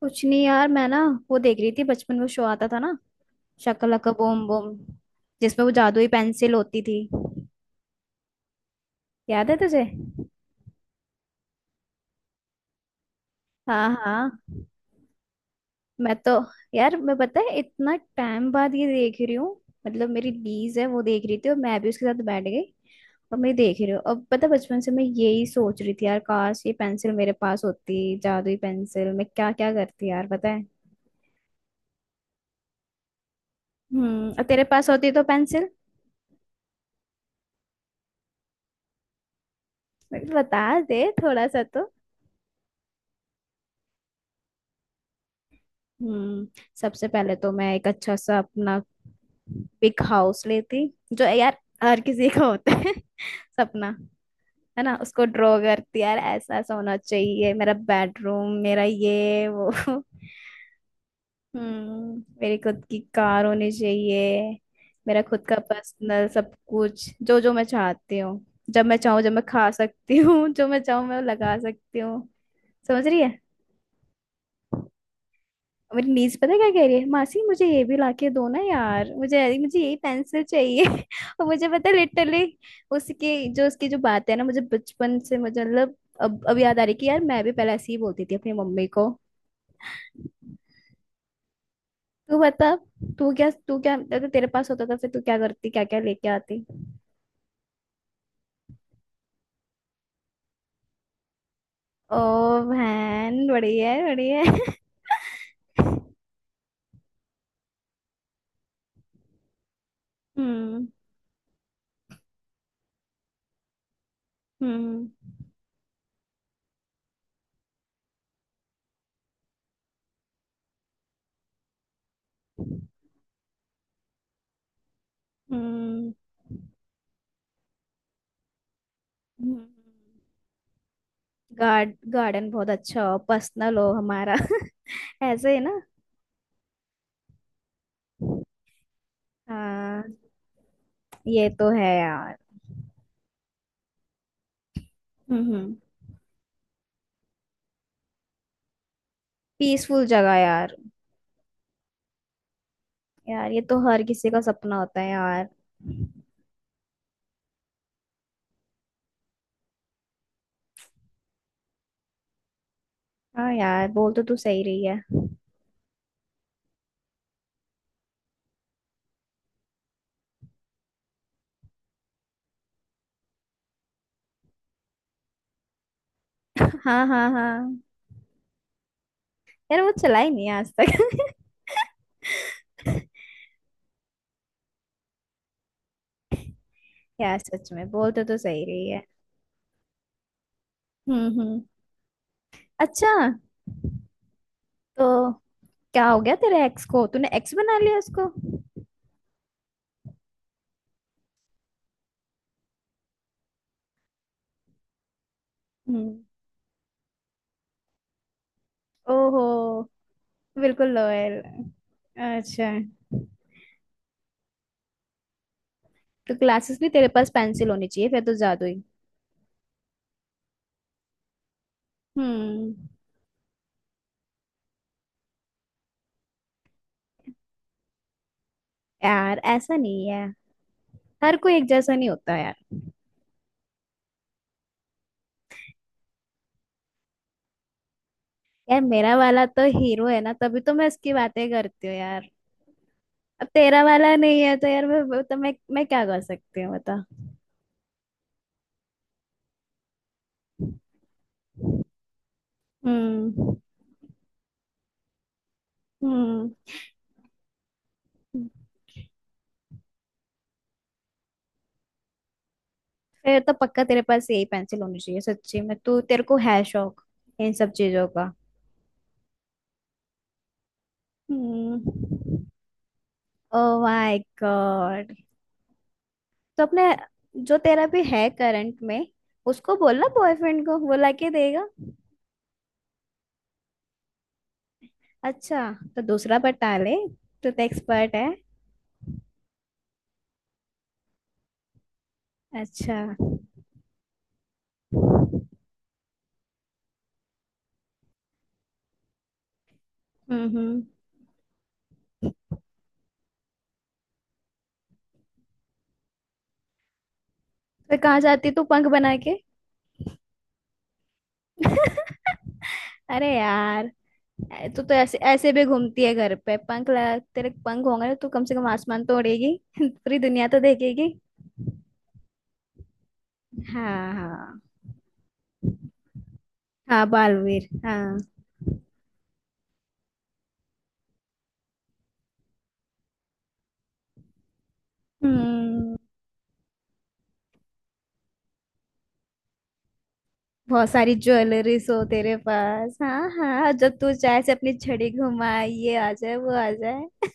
कुछ नहीं यार। मैं ना वो देख रही थी, बचपन में शो आता था ना, शकलका बूम बूम, जिसमें वो जादुई पेंसिल होती थी। याद है तुझे? हाँ हाँ। मैं तो यार मैं पता है इतना टाइम बाद ये देख रही हूँ। मतलब मेरी दीज है, वो देख रही थी और मैं भी उसके साथ बैठ गई। और मैं देख रही हूँ, अब पता है, बचपन से मैं यही सोच रही थी यार, काश ये पेंसिल मेरे पास होती, जादुई पेंसिल, मैं क्या क्या करती यार, पता है। हम्म। और तेरे पास होती तो पेंसिल बता दे थोड़ा सा तो। हम्म। सबसे पहले तो मैं एक अच्छा सा अपना बिग हाउस लेती, जो यार हर किसी का होता है सपना। है ना, उसको ड्रॉ करती यार, ऐसा ऐसा होना चाहिए मेरा बेडरूम, मेरा ये वो हम्म। मेरी खुद की कार होनी चाहिए, मेरा खुद का पर्सनल सब कुछ, जो जो मैं चाहती हूँ, जब मैं चाहूँ, जब मैं खा सकती हूँ जो मैं चाहूँ मैं लगा सकती हूँ। समझ रही है? मेरी नीज पता है क्या कह रही है? मासी मुझे ये भी लाके दो ना यार, मुझे मुझे यही पेंसिल चाहिए और मुझे पता है, लिटरली उसके जो उसकी जो बात है ना, मुझे बचपन से मुझे मतलब, अब याद आ रही कि यार मैं भी पहले ऐसे ही बोलती थी अपनी मम्मी को। तू बता, तू क्या अगर तेरे पास होता था, फिर तू क्या करती, क्या क्या लेके आती? ओ बहन, बढ़िया है हम्म हम्म हम्म। गार्डन बहुत अच्छा हो, पर्सनल हो हमारा ऐसे ही ना? हाँ ये तो है यार। हम्म। पीसफुल जगह यार, यार ये तो हर किसी का सपना होता है यार। हाँ यार, बोल तो तू सही रही है हाँ हाँ हाँ, यार वो चलाई नहीं है आज तक यार सच में बोल तो तू सही रही है। हम्म। अच्छा, तो क्या हो गया तेरे एक्स को, तूने एक्स बना लिया उसको? हम्म। ओहो। बिल्कुल लोयल। अच्छा, तो क्लासेस भी, तेरे पास पेंसिल होनी चाहिए फिर तो, जादू ही। हम्म। यार ऐसा नहीं है, हर कोई एक जैसा नहीं होता यार। यार मेरा वाला तो हीरो है ना, तभी तो मैं उसकी बातें करती हूँ यार। अब तेरा वाला नहीं है तो यार, मैं तो मैं क्या कर सकती हूँ, बता। हम्म हम्म। फिर तो पक्का तेरे पास यही पेंसिल होनी चाहिए, सच्ची में तू, तेरे को है शौक इन सब चीजों का। हम्म। Oh my god. तो अपने, जो तेरा भी है करंट में, उसको बोलना बॉयफ्रेंड को, वो लाके देगा। अच्छा। तो दूसरा बता ले, तू तो एक्सपर्ट है। अच्छा। हम्म। फिर कहाँ जाती तू पंख बना के? अरे यार, तू तो ऐसे ऐसे भी घूमती है घर पे, पंख लगा। तेरे पंख होंगे ना, तू कम से कम आसमान तो उड़ेगी पूरी दुनिया तो देखेगी। हाँ हाँ हाँ, बालवीर हाँ। हम्म। बहुत सारी ज्वेलरीज हो तेरे पास, हाँ हाँ, जब तू चाहे से अपनी छड़ी घुमा, ये आ जाए वो आ जाए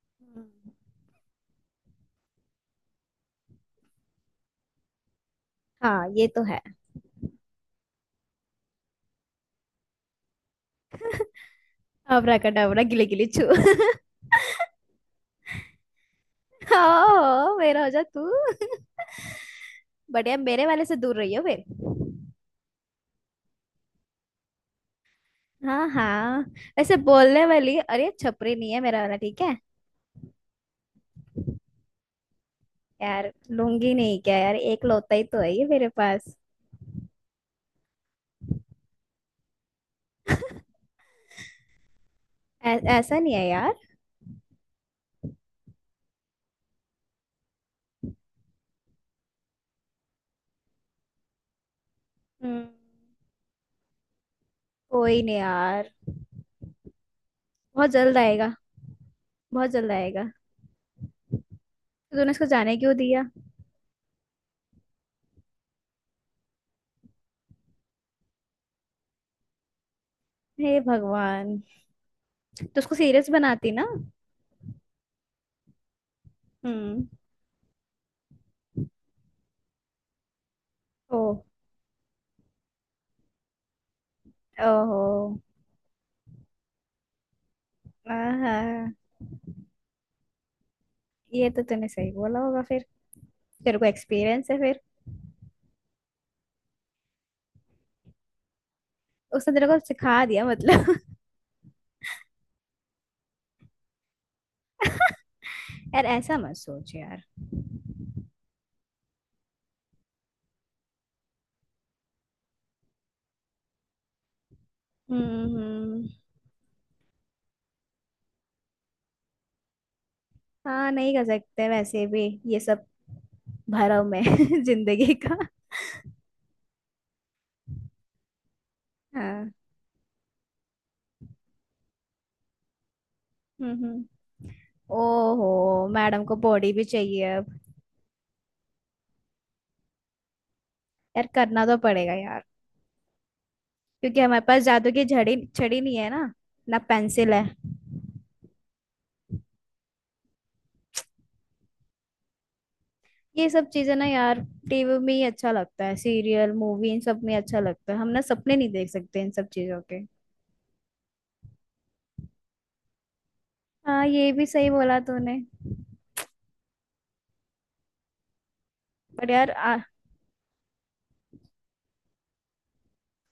हाँ ये तो है। अबराकडाबरा गिले गिले छू हाँ मेरा हो जा तू। बढ़िया, मेरे वाले से दूर रही हो फिर। हाँ हाँ। ऐसे बोलने वाली, अरे छपरी नहीं है मेरा वाला, ठीक है। यार लूंगी नहीं क्या यार, एक लौता ही तो है ये मेरे पास। ऐसा नहीं है यार। हम्म। कोई नहीं यार, बहुत जल्द आएगा। बहुत जल्द आएगा। तो तूने इसको जाने क्यों दिया? हे भगवान। तो उसको सीरियस बनाती ना। हम्म। ओ। ओहो। आहा। ये तो तूने सही बोला होगा फिर, तेरे को एक्सपीरियंस है फिर। उसने तेरे को सिखा दिया मतलब यार ऐसा मत सोच यार। हम्म हम्म। हाँ नहीं कर सकते वैसे भी ये सब, भरम है जिंदगी का। हाँ। हम्म हम्म। ओहो, मैडम को बॉडी भी चाहिए अब। यार करना तो पड़ेगा यार, क्योंकि हमारे पास जादू की झड़ी छड़ी नहीं है ना, ना पेंसिल है। ये सब चीजें ना यार, टीवी में ही अच्छा लगता है, सीरियल मूवी इन सब में अच्छा लगता है, हम ना सपने नहीं देख सकते इन सब चीजों के। हाँ ये भी सही बोला तूने। पर यार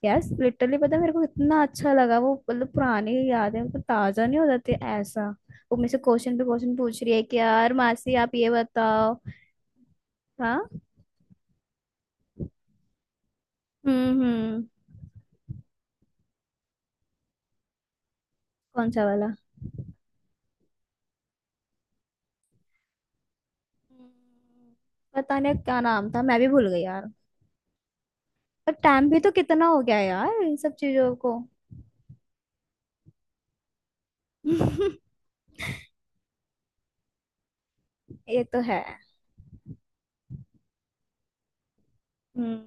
यार लिटरली पता है मेरे को इतना अच्छा लगा वो, मतलब पुरानी यादें मतलब ताजा नहीं हो जाती ऐसा। वो मेरे से क्वेश्चन पे क्वेश्चन पूछ रही है कि यार मासी आप ये बताओ। हाँ। हम्म। कौन सा वाला? पता नहीं क्या नाम था, मैं भी भूल गई यार। पर टाइम भी तो कितना हो गया यार इन सब चीजों को ये तो है। हम्म।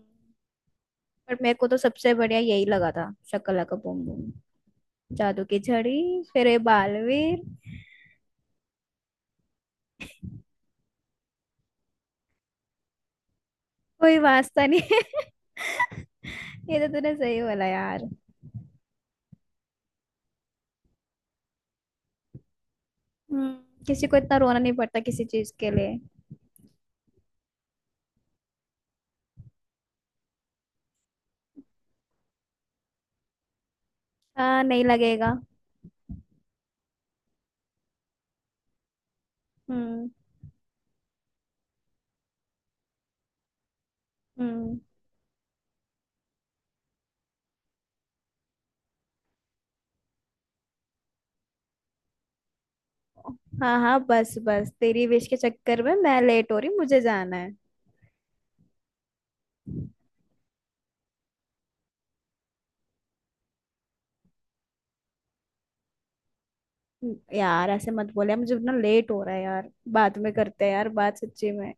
पर मेरे को तो सबसे बढ़िया यही लगा था, शक्ला का बूम बूम, जादू की झड़ी, फिर ये बालवीर। कोई वास्ता नहीं है ये तो तूने सही बोला यार। हम्म, किसी को इतना रोना नहीं पड़ता किसी चीज के लिए। हाँ नहीं लगेगा। हम्म हम्म। हाँ हाँ, बस बस तेरी विश के चक्कर में मैं लेट हो रही हूँ, मुझे जाना है। यार ऐसे मत बोले, मुझे इतना लेट हो रहा है यार, बाद में करते हैं यार बात, सच्ची में।